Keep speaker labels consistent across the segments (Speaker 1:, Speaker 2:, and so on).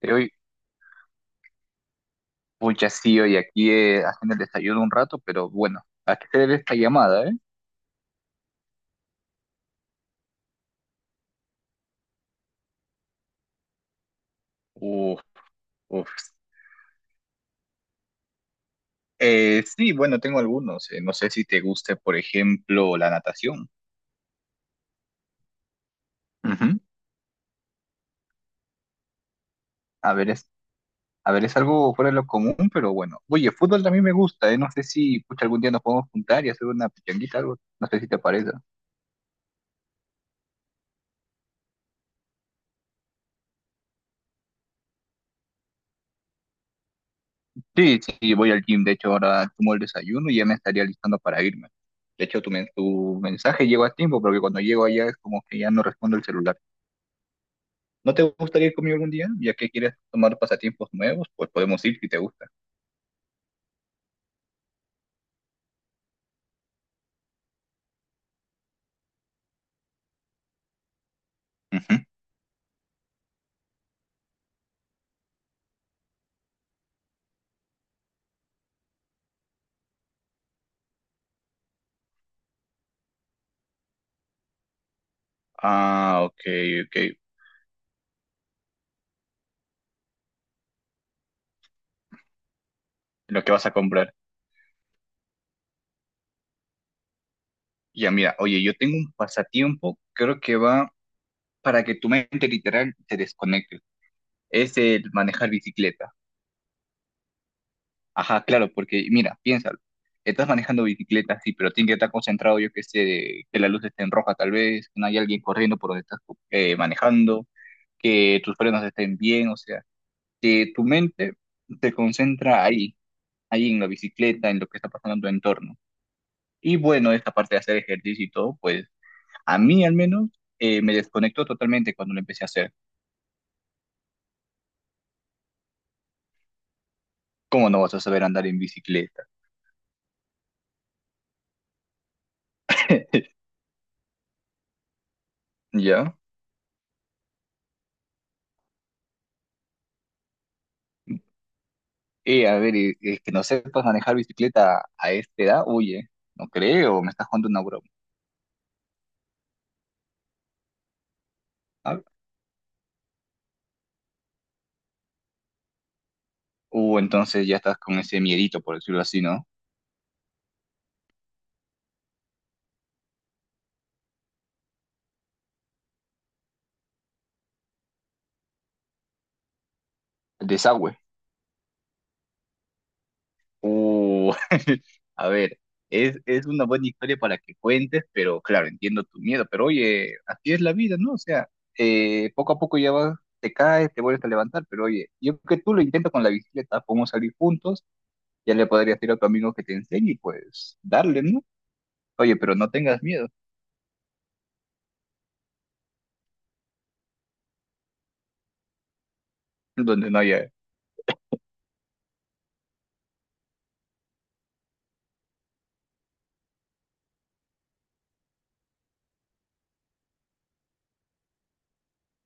Speaker 1: De hoy, pucha, sí, hoy aquí haciendo el desayuno un rato, pero bueno, ¿a qué se debe esta llamada, eh? Uf, uf. Sí, bueno, tengo algunos. No sé si te guste, por ejemplo, la natación. Ujú. A ver, es, a ver, es algo fuera de lo común, pero bueno. Oye, fútbol también me gusta, eh. No sé si, pucha, algún día nos podemos juntar y hacer una pichanguita, algo. No sé si te parece. Sí, sí, voy al gym. De hecho, ahora tomo el desayuno y ya me estaría listando para irme. De hecho, tu mensaje llegó a tiempo, porque cuando llego allá es como que ya no respondo el celular. ¿No te gustaría ir conmigo algún día? Ya que quieres tomar pasatiempos nuevos, pues podemos ir si te gusta. Ujú. Ah, ok, ok. Lo que vas a comprar. Ya, mira, oye, yo tengo un pasatiempo, creo que va para que tu mente literal te desconecte. Es el manejar bicicleta. Ajá, claro, porque mira, piénsalo. Estás manejando bicicleta, sí, pero tienes que estar concentrado, yo que sé, que la luz esté en roja tal vez, que no haya alguien corriendo por donde estás manejando, que tus frenos estén bien, o sea, que tu mente te concentra ahí. Ahí en la bicicleta, en lo que está pasando en tu entorno. Y bueno, esta parte de hacer ejercicio y todo, pues a mí al menos me desconectó totalmente cuando lo empecé a hacer. ¿Cómo no vas a saber andar en bicicleta? ¿Ya? A ver, que no sepas manejar bicicleta a esta edad, oye, no creo, me estás jugando una broma. ¿No? O entonces ya estás con ese miedito, por decirlo así, ¿no? El desagüe. Uh, a ver, es una buena historia para que cuentes, pero claro, entiendo tu miedo, pero oye, así es la vida, ¿no? O sea, poco a poco ya vas, te caes, te vuelves a levantar, pero oye, yo creo que tú lo intentas con la bicicleta, podemos salir juntos, ya le podrías ir a tu amigo que te enseñe y pues darle, ¿no? Oye, pero no tengas miedo, donde no haya...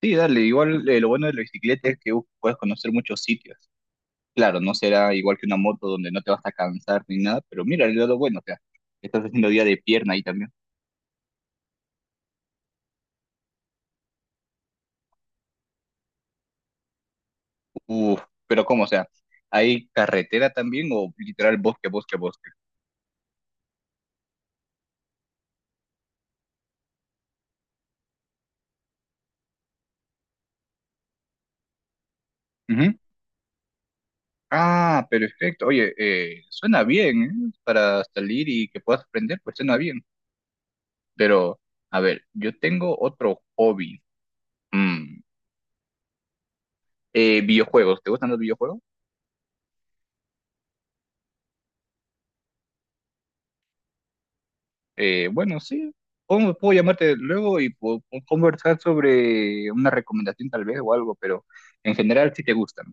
Speaker 1: Sí, dale, igual lo bueno de la bicicleta es que puedes conocer muchos sitios. Claro, no será igual que una moto donde no te vas a cansar ni nada, pero mira, el lado bueno, o sea, estás haciendo día de pierna ahí también. Uf, pero ¿cómo? O sea, ¿hay carretera también o literal bosque, bosque, bosque? Ujú. Ah, perfecto. Oye, suena bien, ¿eh? Para salir y que puedas aprender, pues suena bien. Pero, a ver, yo tengo otro hobby. Mm, videojuegos. ¿Te gustan los videojuegos? Bueno, sí. Puedo llamarte luego y conversar sobre una recomendación tal vez o algo, pero en general sí te gustan.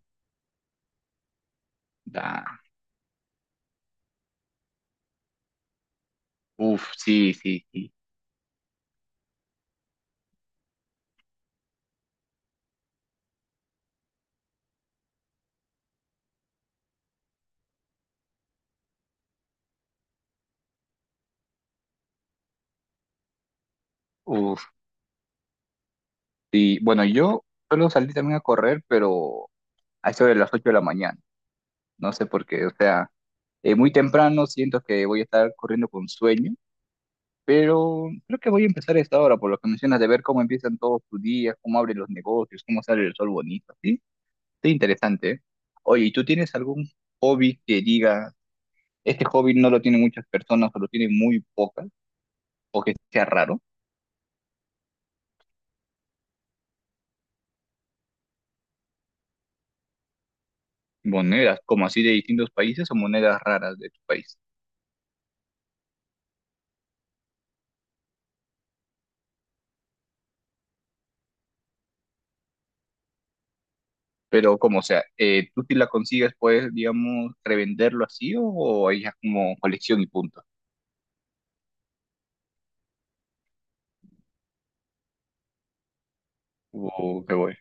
Speaker 1: Da. Uf, sí, sí, sí. Uf, sí. Bueno, yo solo salí también a correr, pero a eso de las 8 de la mañana. No sé por qué, o sea, muy temprano siento que voy a estar corriendo con sueño, pero creo que voy a empezar a esta hora, por lo que mencionas, de ver cómo empiezan todos tus días, cómo abren los negocios, cómo sale el sol bonito, ¿sí? Qué interesante. Oye, ¿y tú tienes algún hobby que diga, este hobby no lo tienen muchas personas o lo tienen muy pocas, o que sea raro? Monedas, como así de distintos países o monedas raras de tu país. Pero como sea, tú si la consigues, puedes, digamos, revenderlo así o ahí como colección y punto. O qué voy.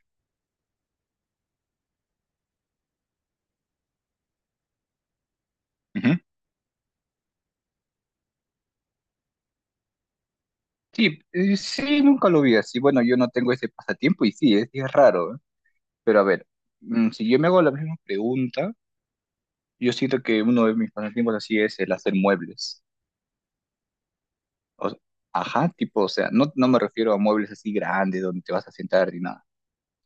Speaker 1: Ujú. Sí, sí, nunca lo vi así. Bueno, yo no tengo ese pasatiempo y sí, sí es raro, ¿eh? Pero a ver, mm, si yo me hago la misma pregunta. Yo siento que uno de mis pasatiempos así es el hacer muebles. O s- ajá, tipo, o sea, no, no me refiero a muebles así grandes donde te vas a sentar ni nada,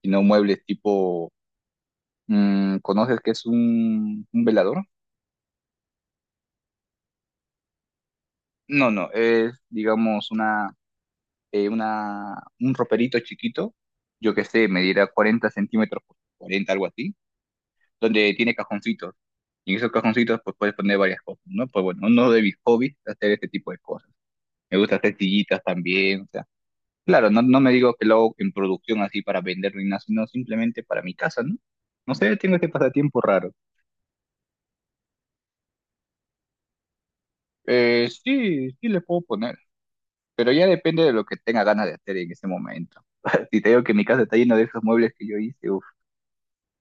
Speaker 1: sino muebles tipo, mm, ¿conoces qué es un velador? No, no, es, digamos, una, eh, una, un roperito chiquito, yo qué sé, medirá 40 centímetros por 40, algo así, donde tiene cajoncitos. Y en esos cajoncitos pues puedes poner varias cosas, ¿no? Pues bueno, uno de mis hobbies es hacer este tipo de cosas. Me gusta hacer sillitas también. Claro, no, no me digo que lo hago en producción así para vender ni nada, sino simplemente para mi casa, ¿no? No sé, tengo este pasatiempo raro. Sí, sí le puedo poner, pero ya depende de lo que tenga ganas de hacer en ese momento. Si te digo que mi casa está llena de esos muebles que yo hice, uff.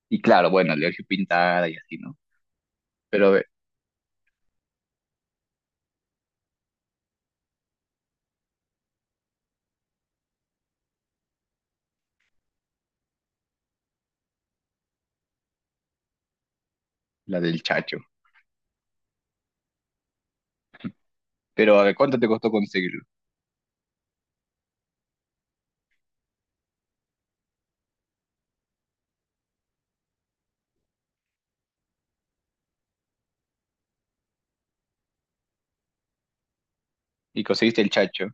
Speaker 1: Y claro, bueno, le he hecho pintada y así, ¿no? Pero a ver, la del chacho. Pero a ver, ¿cuánto te costó conseguirlo? Y conseguiste el chacho.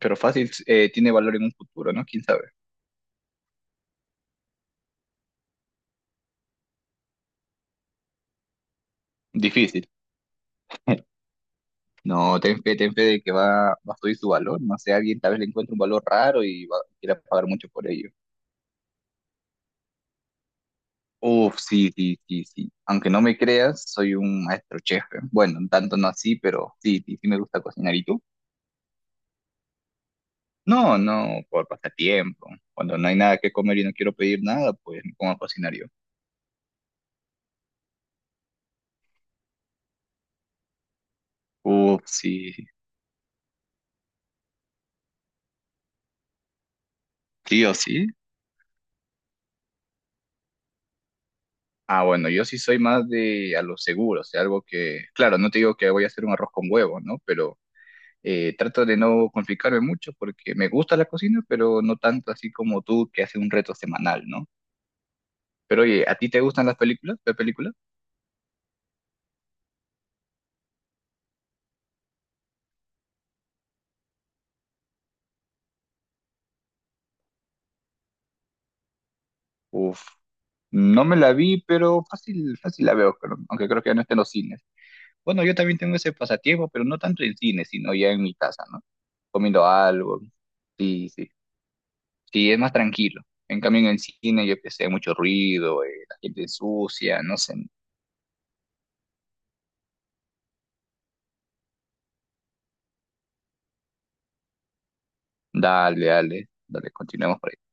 Speaker 1: Pero fácil, tiene valor en un futuro, ¿no? ¿Quién sabe? Difícil. No, ten fe de que va, va a subir su valor. No sé, alguien tal vez le encuentre un valor raro y va, quiera pagar mucho por ello. Uf, sí, sí, sí, sí. Aunque no me creas, soy un maestro chef. ¿Eh? Bueno, tanto no así, pero sí, sí, sí me gusta cocinar. ¿Y tú? No, no, por pasatiempo. Cuando no hay nada que comer y no quiero pedir nada, pues me pongo a cocinar yo. Uf, sí, sí o sí. Ah, bueno, yo sí soy más de a lo seguro, o sea, algo que, claro, no te digo que voy a hacer un arroz con huevo, ¿no? Pero trato de no complicarme mucho porque me gusta la cocina, pero no tanto así como tú que hace un reto semanal, ¿no? Pero oye, ¿a ti te gustan las películas? ¿Las películas? Uf, no me la vi, pero fácil, fácil la veo, pero- aunque creo que ya no está en los cines. Bueno, yo también tengo ese pasatiempo, pero no tanto en cine, sino ya en mi casa, ¿no? Comiendo algo. Sí, sí. Sí, es más tranquilo. En cambio, en el cine yo que sé, mucho ruido, la gente sucia, no sé. Dale, dale, dale, continuemos por ahí.